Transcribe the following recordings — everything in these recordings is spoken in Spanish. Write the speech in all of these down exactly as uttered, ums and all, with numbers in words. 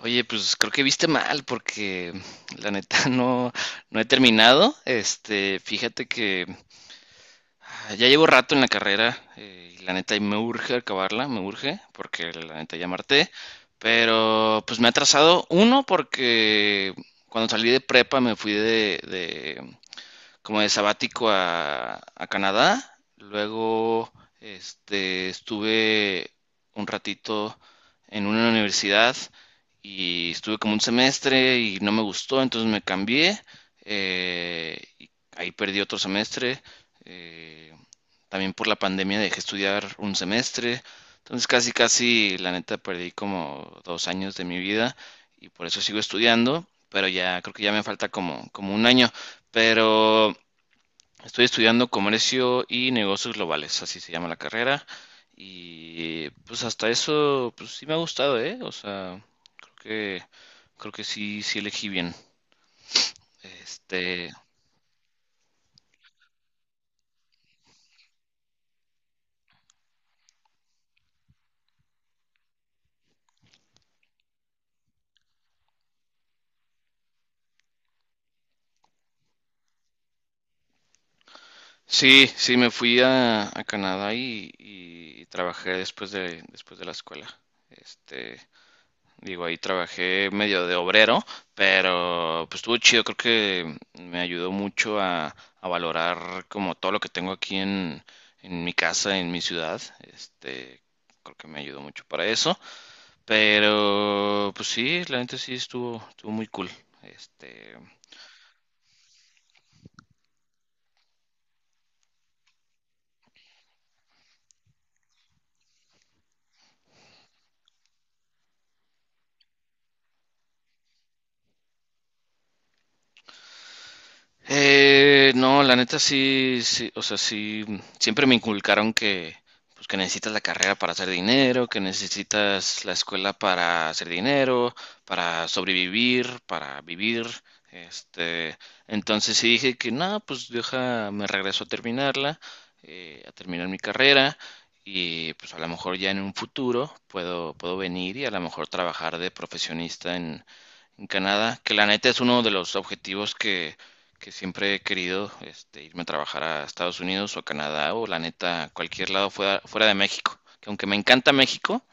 Oye, pues creo que viste mal porque la neta no, no he terminado. Este, fíjate que ah, ya llevo rato en la carrera eh, y la neta y me urge acabarla, me urge porque la neta ya marté, pero pues me ha atrasado uno porque cuando salí de prepa me fui de, como de sabático a, a Canadá. Luego este, estuve un ratito en una universidad y estuve como un semestre y no me gustó, entonces me cambié. Eh, y ahí perdí otro semestre. eh, También por la pandemia dejé estudiar un semestre. Entonces casi, casi, la neta, perdí como dos años de mi vida y por eso sigo estudiando, pero ya creo que ya me falta como, como un año. Pero estoy estudiando comercio y negocios globales, así se llama la carrera. Y pues hasta eso, pues sí me ha gustado, ¿eh? O sea, creo que, creo que sí, sí elegí bien. Este, sí, sí, me fui a, a Canadá y, y trabajé después de, después de la escuela. Este, Digo, ahí trabajé medio de obrero, pero pues estuvo chido, creo que me ayudó mucho a, a valorar como todo lo que tengo aquí en, en mi casa, en mi ciudad. Este, creo que me ayudó mucho para eso, pero pues sí, la gente sí estuvo, estuvo muy cool. Este, Eh, no, la neta sí, sí, o sea, sí, siempre me inculcaron que, pues, que necesitas la carrera para hacer dinero, que necesitas la escuela para hacer dinero, para sobrevivir, para vivir, este, entonces sí dije que no, pues deja, me regreso a terminarla, eh, a terminar mi carrera y pues a lo mejor ya en un futuro puedo, puedo venir y a lo mejor trabajar de profesionista en Canadá, que la neta es uno de los objetivos que, que siempre he querido, este, irme a trabajar a Estados Unidos o a Canadá o la neta cualquier lado fuera, fuera de México. Que aunque me encanta México,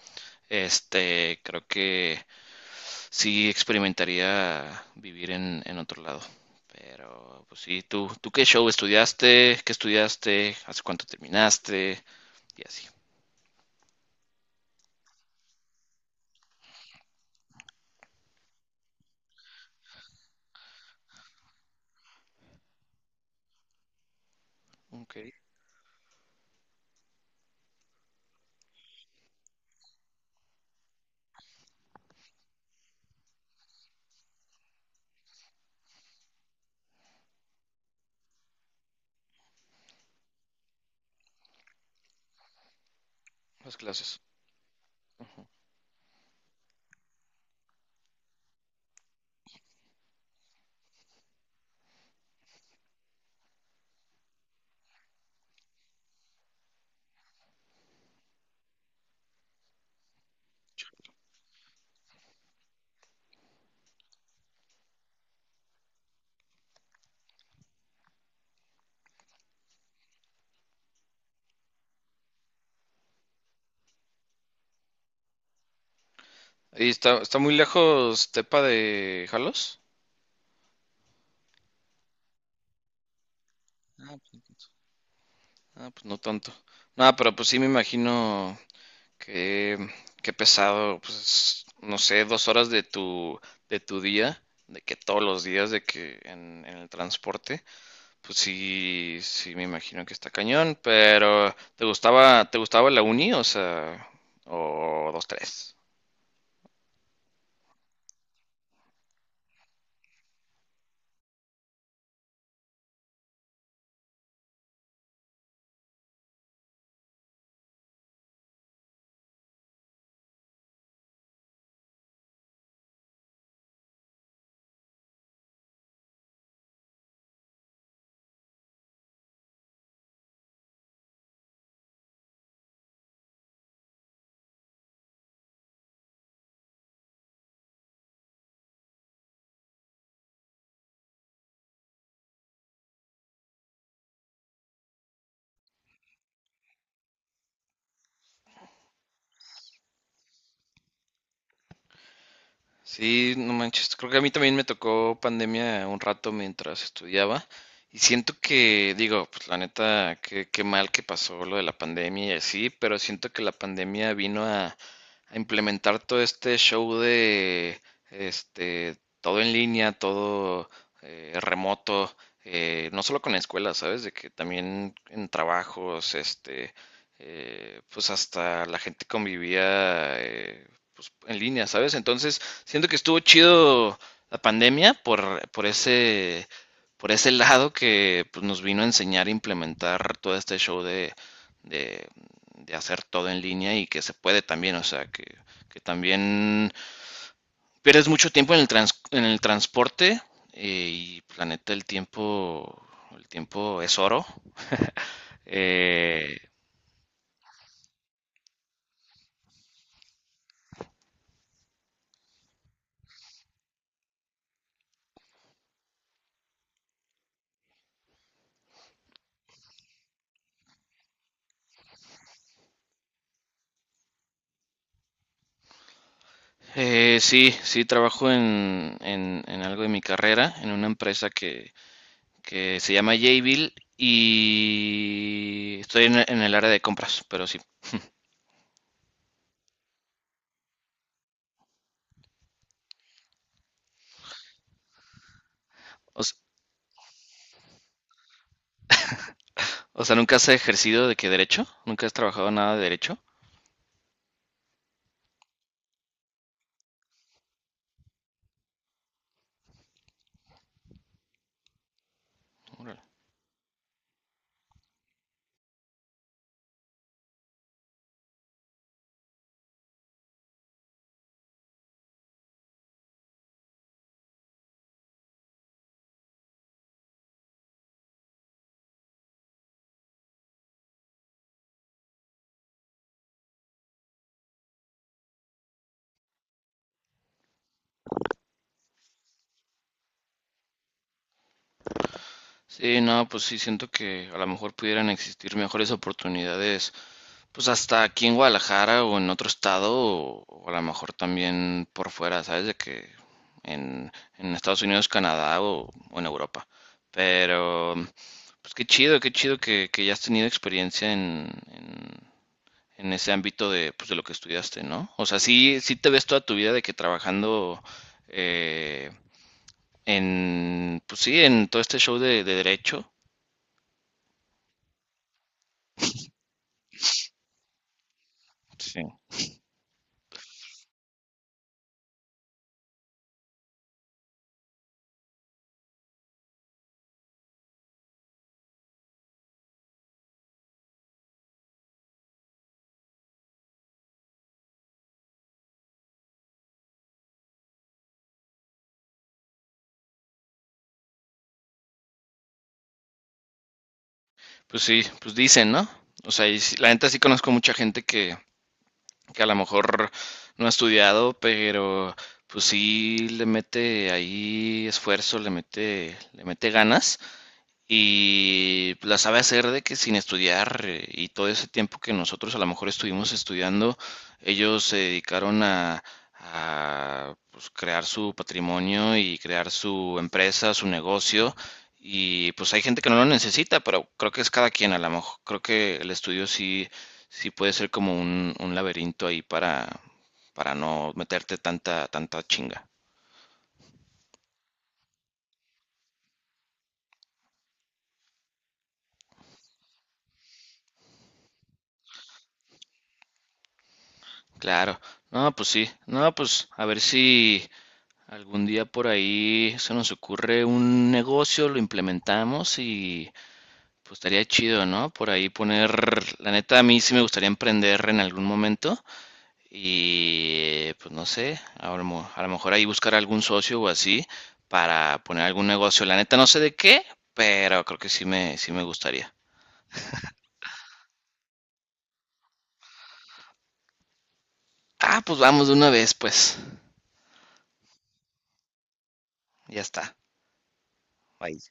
este, creo que sí experimentaría vivir en, en otro lado. Pero, pues sí, ¿tú, tú qué show estudiaste? ¿Qué estudiaste? ¿Hace cuánto terminaste? Y así. Ok, las clases. ¿Y está, está muy lejos Tepa de Jalos? Ah, pues no tanto. No, pero pues sí me imagino que qué pesado, pues no sé, dos horas de tu de tu día, de que todos los días, de que en, en el transporte, pues sí, sí me imagino que está cañón. Pero ¿te gustaba, te gustaba la uni, o sea, o dos tres? Sí, no manches. Creo que a mí también me tocó pandemia un rato mientras estudiaba. Y siento que, digo, pues la neta, qué, qué mal que pasó lo de la pandemia y así, pero siento que la pandemia vino a, a implementar todo este show de, este, todo en línea, todo eh, remoto, eh, no solo con la escuela, ¿sabes? De que también en trabajos, este, eh, pues hasta la gente convivía eh, pues, en línea, ¿sabes? Entonces, siento que estuvo chido la pandemia por, por ese, por ese lado que pues, nos vino a enseñar a implementar todo este show de, de, de hacer todo en línea y que se puede también, o sea, que, que también pierdes mucho tiempo en el, trans- en el transporte eh, y pues, la neta el tiempo, el tiempo es oro. Eh, eh, sí, sí, trabajo en, en, en algo de mi carrera, en una empresa que se llama Jayville y estoy en, en el área de compras, pero sí. O, s- o sea, ¿nunca has ejercido de qué derecho? ¿Nunca has trabajado nada de derecho? Órale. Sí, no, pues sí, siento que a lo mejor pudieran existir mejores oportunidades, pues hasta aquí en Guadalajara o en otro estado, o, o a lo mejor también por fuera, ¿sabes? De que en, en Estados Unidos, Canadá o, o en Europa. Pero, pues qué chido, qué chido que, que ya has tenido experiencia en, en ese ámbito de, pues, de lo que estudiaste, ¿no? O sea, sí, sí te ves toda tu vida de que trabajando eh, en, pues sí, en todo este show de, de derecho. Sí. Pues sí, pues dicen, ¿no? O sea, y sí- la neta sí conozco mucha gente que, que a lo mejor no ha estudiado, pero pues sí le mete ahí esfuerzo, le mete, le mete ganas y pues, la sabe hacer de que sin estudiar eh, y todo ese tiempo que nosotros a lo mejor estuvimos estudiando, ellos se dedicaron a, a, pues, crear su patrimonio y crear su empresa, su negocio. Y pues hay gente que no lo necesita, pero creo que es cada quien a lo mejor. Creo que el estudio sí, sí puede ser como un, un laberinto ahí para, para no meterte tanta, tanta chinga. Claro. No, pues sí. No, pues a ver si, algún día por ahí se nos ocurre un negocio, lo implementamos y pues estaría chido, ¿no? Por ahí poner, la neta a mí sí me gustaría emprender en algún momento y pues no sé, a lo, mo- a lo mejor ahí buscar algún socio o así para poner algún negocio. La neta no sé de qué, pero creo que sí me, sí me gustaría. Ah, pues vamos de una vez, pues. Ya está. Bye.